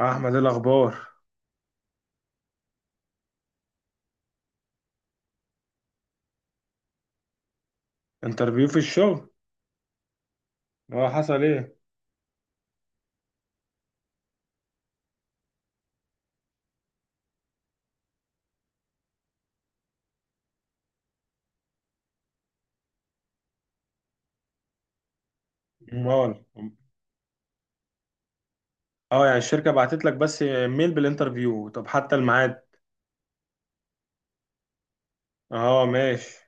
احمد، إيه الاخبار؟ انترفيو في الشغل؟ اه، حصل ايه؟ امال. اه، يعني الشركه بعتت لك بس ميل بالانترفيو، طب حتى الميعاد. اه، ماشي.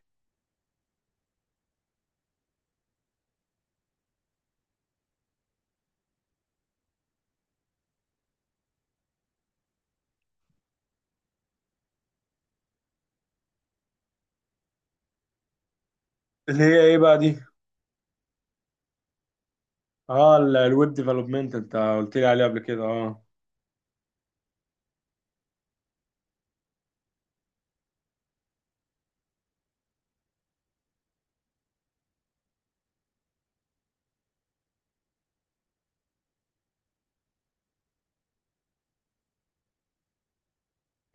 اللي هي ايه بقى دي؟ اه، الويب ديفلوبمنت انت قلت لي عليه قبل كده، اه.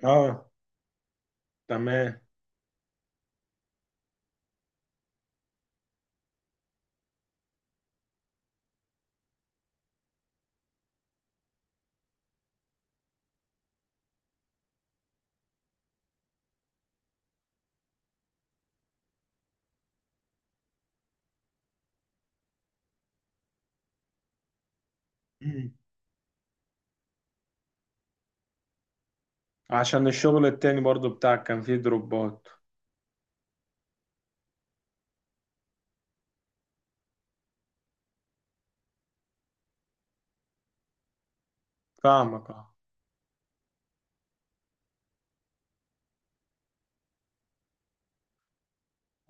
اه، تمام. مم. عشان الشغل التاني برضو بتاعك كان فيه دروبات؟ فاهمك، اه.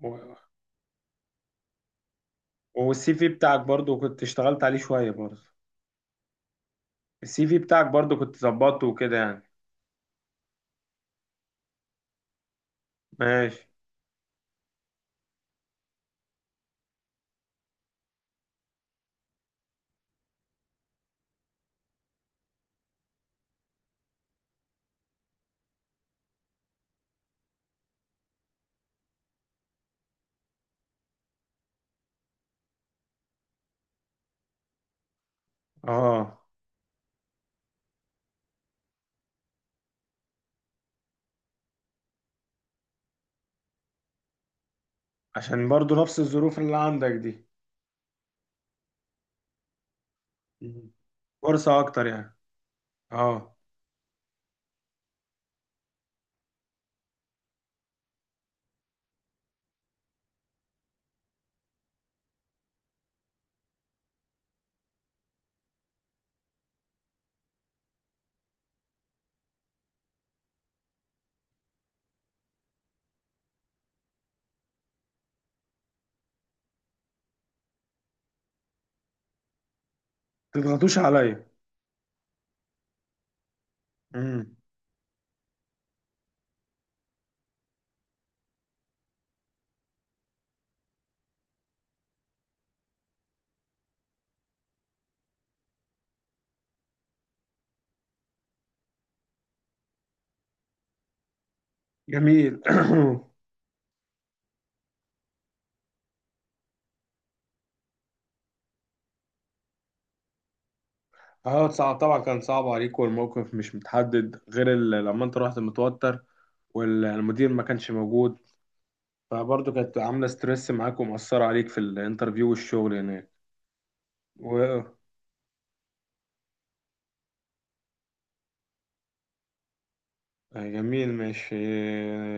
و- والسي في بتاعك برضو كنت اشتغلت عليه شويه برضو. السي في بتاعك برضو كنت ظبطته وكده يعني. ماشي. اه، عشان برضو نفس الظروف اللي عندك دي. مم. فرصة أكتر يعني. اه. تضغطوش عليا. مم. جميل. اه، صعب طبعا، كان صعب عليك. والموقف مش متحدد غير لما انت رحت متوتر والمدير ما كانش موجود، فبرضه كانت عاملة ستريس معاك ومأثرة عليك في الانترفيو والشغل هناك. و... جميل، ماشي.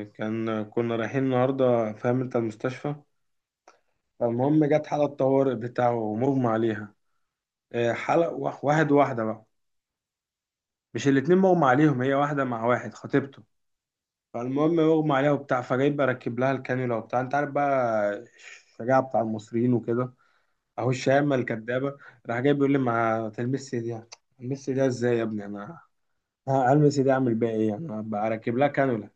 كان كنا رايحين النهاردة، فاهم انت، المستشفى. فالمهم جت حالة طوارئ بتاعه ومغمى عليها. حلقة واحد واحدة بقى، مش الاتنين مغمى عليهم، هي واحدة مع واحد خطيبته. فالمهم مغمى عليها وبتاع، فجاي بركب لها الكانيولا وبتاع، انت عارف بقى الشجاعة بتاع المصريين وكده، اهو الشهامة الكدابة. راح جاي بيقول لي: ما تلمس دي. تلمس دي ازاي يا ابني؟ انا هلمس دي اعمل بيها ايه؟ انا بركب لها كانيولا.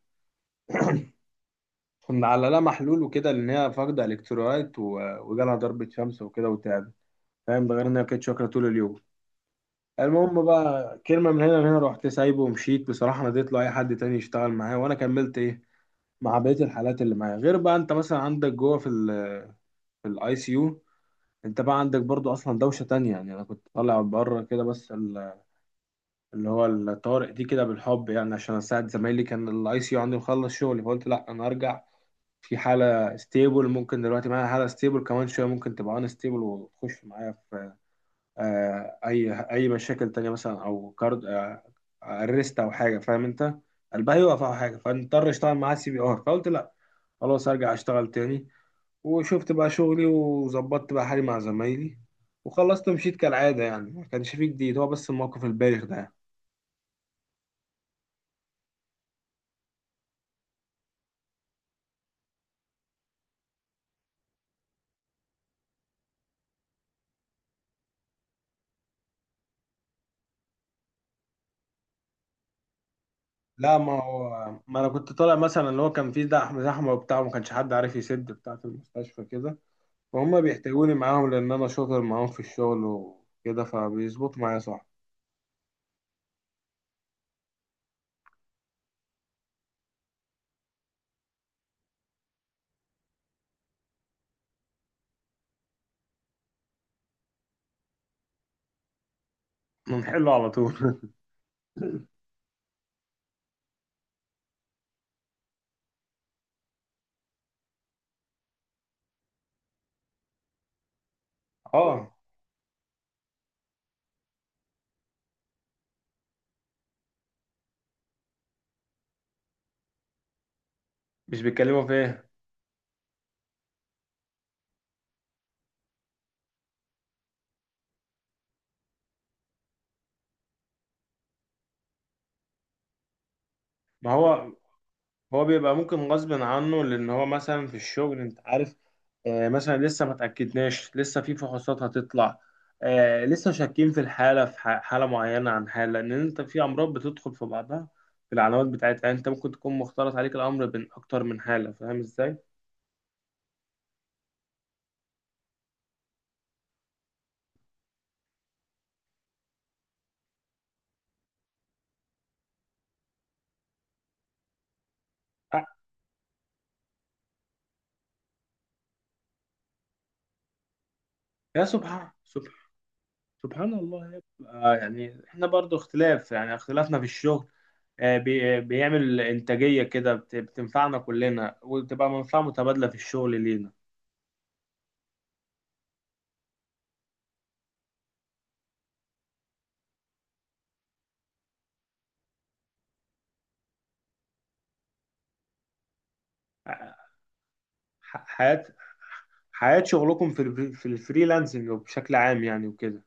كنا على لها محلول وكده لان هي فاقدة الكترولايت وجالها ضربة شمس وكده وتعبت، فاهم؟ ده غير ان هي كانت شاكرة طول اليوم. المهم بقى، كلمة من هنا لهنا رحت سايبه ومشيت، بصراحة نديت له أي حد تاني يشتغل معايا وأنا كملت إيه مع بقية الحالات اللي معايا. غير بقى أنت مثلا عندك جوه في الأي سي يو. أنت بقى عندك برضو أصلا دوشة تانية، يعني أنا كنت طالع بره كده بس اللي هو الطوارئ دي كده بالحب، يعني عشان أساعد زمايلي. كان الأي سي يو عندي مخلص شغلي، فقلت لأ أنا أرجع، في حالة ستيبل. ممكن دلوقتي معايا حالة ستيبل كمان شوية ممكن تبقى أن ستيبل وتخش معايا، اي مشاكل تانية مثلا، او كارد ارست او حاجه، فاهم انت، قلبها يوقف او حاجه، فنضطر اشتغل معاه سي بي ار. فقلت لا، خلاص ارجع اشتغل تاني. وشفت بقى شغلي وظبطت بقى حالي مع زمايلي، وخلصت ومشيت كالعاده، يعني ما كانش فيه جديد، هو بس الموقف البايخ ده يعني. لا، ما هو ما انا كنت طالع، مثلا اللي هو كان فيه زحمه زحمه وبتاع، وما كانش حد عارف يسد بتاع في المستشفى كده، فهم بيحتاجوني معاهم لان انا شاطر معاهم في الشغل وكده فبيظبطوا معايا، صح. بنحله على طول. اه. مش بيتكلموا في ايه؟ ما هو بيبقى ممكن غصب عنه، لان هو مثلا في الشغل انت عارف، آه مثلا لسه ما تاكدناش، لسه في فحوصات هتطلع، آه لسه شاكين في الحاله، في حاله معينه عن حاله، لان انت في امراض بتدخل في بعضها في العلامات بتاعتها. يعني انت ممكن تكون مختلط عليك الامر بين اكتر من حاله، فاهم ازاي؟ آه، يا سبحان سبحان، سبحان الله يا ابني. آه، يعني احنا برضو اختلاف، يعني اختلافنا في الشغل بيعمل انتاجية كده، بتنفعنا كلنا وتبقى منفعة متبادلة في الشغل لينا. آه، حياة. حياة شغلكم في في الفريلانسنج بشكل عام، يعني وكده.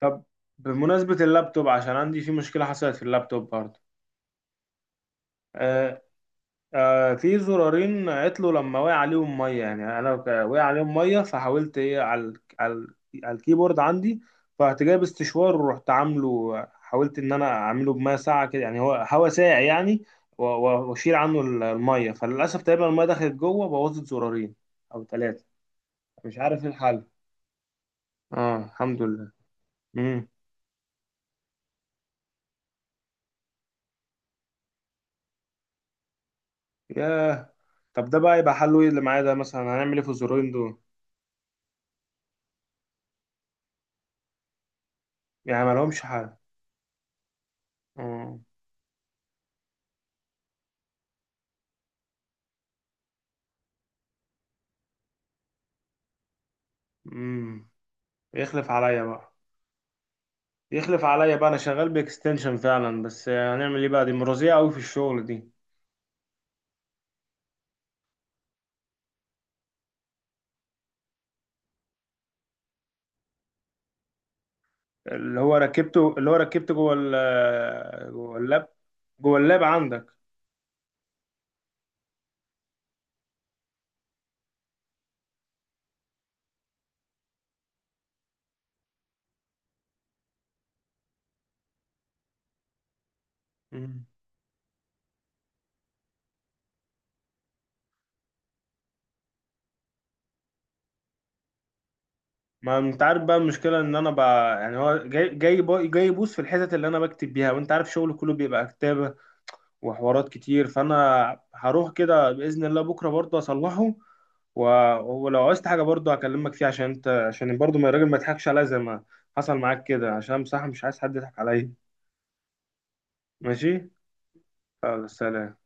طب بمناسبة اللابتوب، عشان عندي في مشكلة حصلت في اللابتوب برضه. في زرارين عطلوا لما وقع عليهم ميه، يعني انا وقع عليهم ميه، فحاولت ايه على على الكيبورد عندي. فرحت جايب استشوار ورحت عامله، حاولت ان انا اعمله بميه ساقعه كده، يعني هو هوا ساقع يعني، واشيل عنه الميه. فللاسف تقريبا الميه دخلت جوه، بوظت زرارين او ثلاثه، مش عارف ايه الحل. اه، الحمد لله. امم. ياه. طب ده بقى يبقى حله ايه؟ اللي معايا ده مثلا هنعمل ايه في الزرارين دول؟ يعني ما لهمش حل؟ امم. يخلف عليا بقى. يخلف عليا بقى، انا شغال باكستنشن فعلا، بس هنعمل ايه بقى، دي مرضيه قوي في الشغل دي. اللي هو ركبته جوه اللاب. جوه اللاب عندك. مم. ما انت عارف بقى المشكله ان انا بقى، يعني هو جاي يبوظ في الحتت اللي انا بكتب بيها، وانت عارف شغلي كله بيبقى كتابه وحوارات كتير. فانا هروح كده باذن الله بكره برضه اصلحه. و... ولو عايزت حاجه برضه هكلمك فيها، عشان انت، عشان برضه ما الراجل ما يضحكش عليا زي ما حصل معاك كده، عشان بصراحه مش عايز حد يضحك عليا. ماشي. خلاص، سلام.